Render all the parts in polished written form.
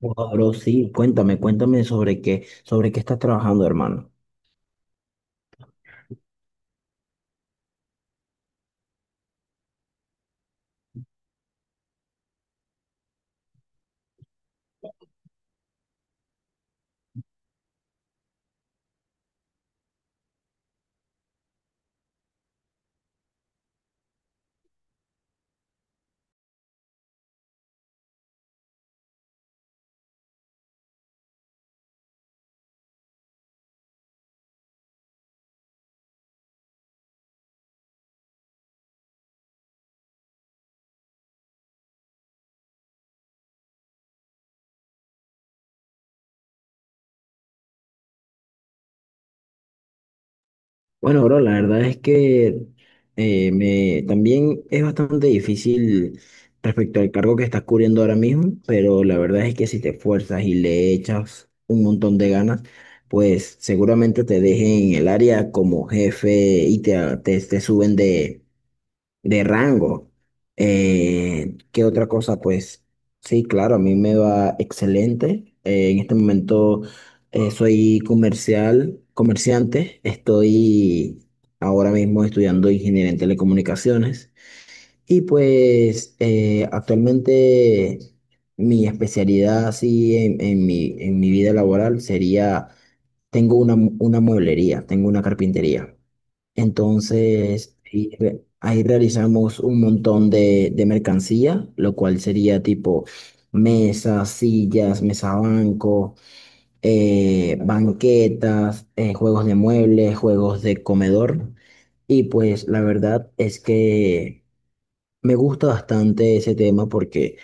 Wow, bro, sí, cuéntame, sobre qué estás trabajando, hermano. Bueno, bro, la verdad es que también es bastante difícil respecto al cargo que estás cubriendo ahora mismo, pero la verdad es que si te esfuerzas y le echas un montón de ganas, pues seguramente te dejen en el área como jefe y te suben de rango. ¿Qué otra cosa? Pues sí, claro, a mí me va excelente. En este momento soy comerciante. Estoy ahora mismo estudiando ingeniería en telecomunicaciones. Y pues actualmente mi especialidad así en en mi vida laboral sería, tengo una, una mueblería, tengo una carpintería. Entonces, ahí realizamos un montón de mercancía, lo cual sería tipo mesas, sillas, mesa banco, banquetas, juegos de muebles, juegos de comedor. Y pues la verdad es que me gusta bastante ese tema porque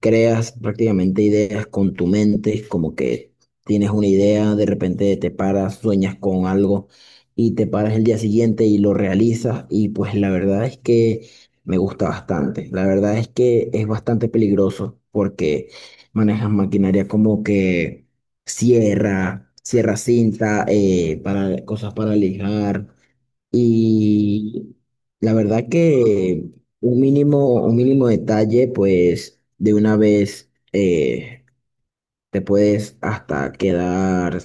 creas prácticamente ideas con tu mente, como que tienes una idea, de repente te paras, sueñas con algo y te paras el día siguiente y lo realizas y pues la verdad es que me gusta bastante. La verdad es que es bastante peligroso porque manejas maquinaria como que sierra cinta, cosas para lijar. Y la verdad que un mínimo detalle, pues de una vez te puedes hasta quedar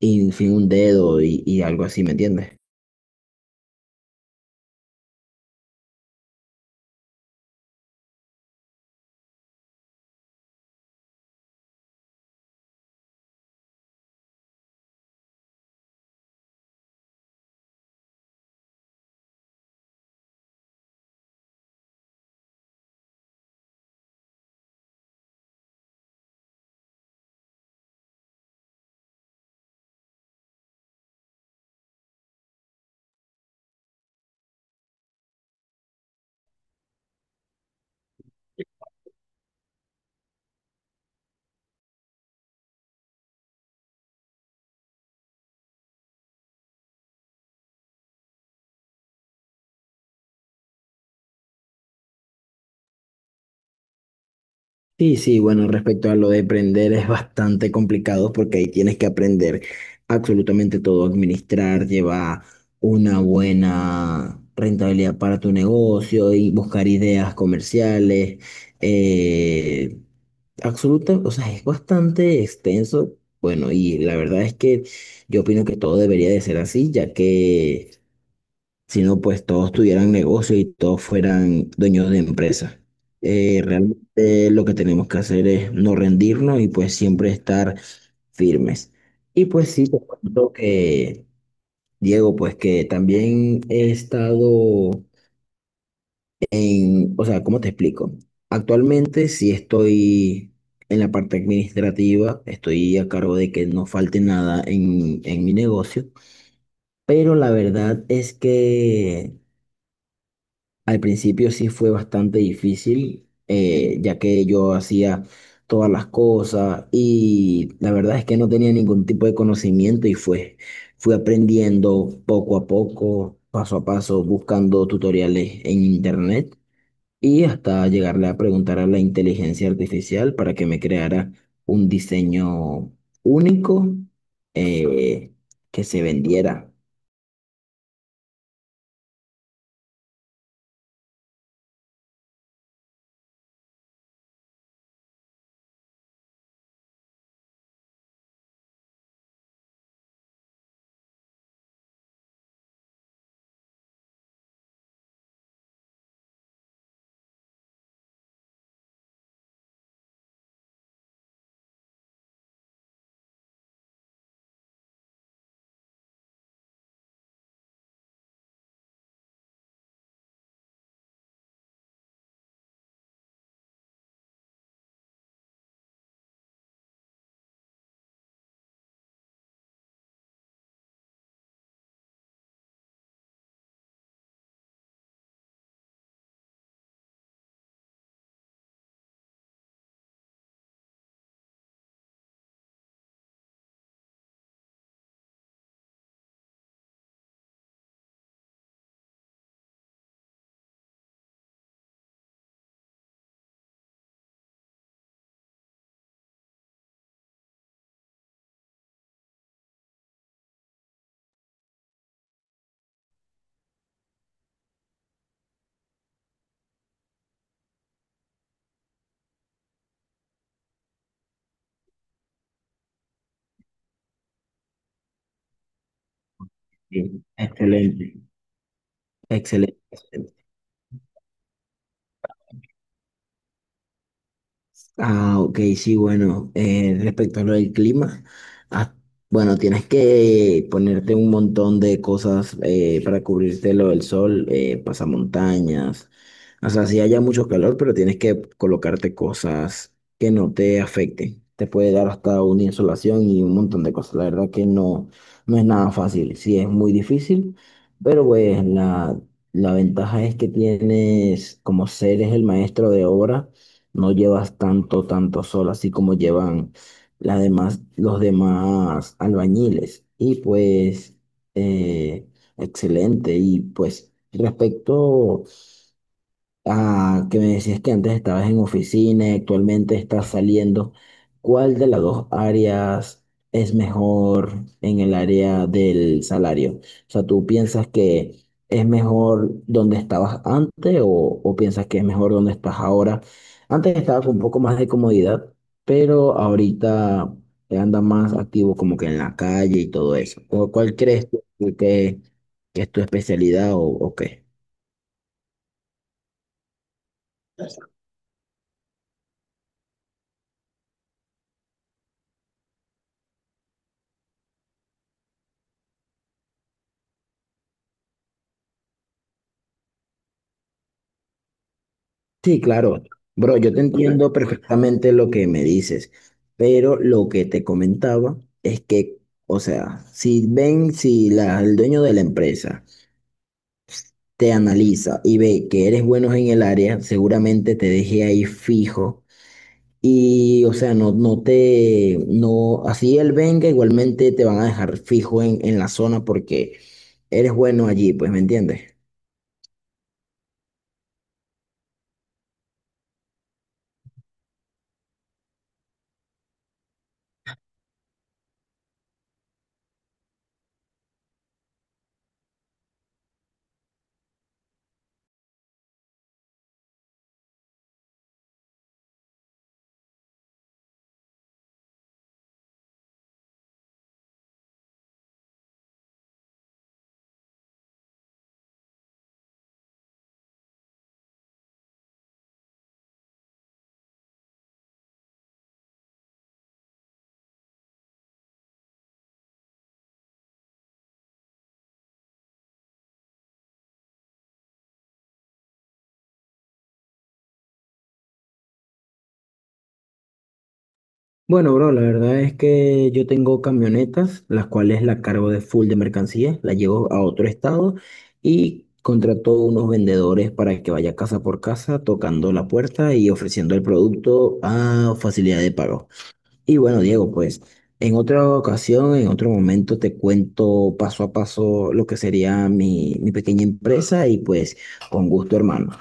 sin un dedo y algo así, ¿me entiendes? Sí, sí, bueno, respecto a lo de aprender es bastante complicado porque ahí tienes que aprender absolutamente todo, administrar, llevar una buena rentabilidad para tu negocio y buscar ideas comerciales. eh, o sea, es bastante extenso. Bueno, y la verdad es que yo opino que todo debería de ser así, ya que sino pues todos tuvieran negocio y todos fueran dueños de empresas. Realmente lo que tenemos que hacer es no rendirnos y pues siempre estar firmes. Y pues sí, te cuento que, Diego, pues que también he estado en, o sea, ¿cómo te explico? Actualmente sí estoy en la parte administrativa, estoy a cargo de que no falte nada en mi negocio, pero la verdad es que al principio sí fue bastante difícil, ya que yo hacía todas las cosas y la verdad es que no tenía ningún tipo de conocimiento y fui aprendiendo poco a poco, paso a paso, buscando tutoriales en internet y hasta llegarle a preguntar a la inteligencia artificial para que me creara un diseño único, eh, que se vendiera. Sí. Excelente. Excelente. Ah, ok, sí, bueno, respecto a lo del clima, ah, bueno, tienes que ponerte un montón de cosas para cubrirte lo del sol, pasamontañas, o sea, sí haya mucho calor, pero tienes que colocarte cosas que no te afecten. Te puede dar hasta una insolación y un montón de cosas. La verdad que no, no es nada fácil, sí es muy difícil, pero pues la ventaja es que tienes, como ser es el maestro de obra no llevas tanto, tanto sol, así como llevan las demás, los demás albañiles. Y pues, eh, excelente. Y pues, respecto ah, que me decías que antes estabas en oficina y actualmente estás saliendo. ¿Cuál de las dos áreas es mejor en el área del salario? O sea, ¿tú piensas que es mejor donde estabas antes o piensas que es mejor donde estás ahora? Antes estaba con un poco más de comodidad, pero ahorita anda más activo como que en la calle y todo eso. ¿Cuál crees tú que, que es tu especialidad o qué? Sí, claro. Bro, yo te entiendo perfectamente lo que me dices, pero lo que te comentaba es que, o sea, si ven, si el dueño de la empresa te analiza y ve que eres bueno en el área, seguramente te deje ahí fijo y, o sea, no, así él venga, igualmente te van a dejar fijo en la zona porque eres bueno allí, pues, ¿me entiendes? Bueno, bro, la verdad es que yo tengo camionetas, las cuales la cargo de full de mercancías, la llevo a otro estado y contrato unos vendedores para que vaya casa por casa tocando la puerta y ofreciendo el producto a facilidad de pago. Y bueno, Diego, pues en otra ocasión, en otro momento te cuento paso a paso lo que sería mi pequeña empresa y pues con gusto, hermano.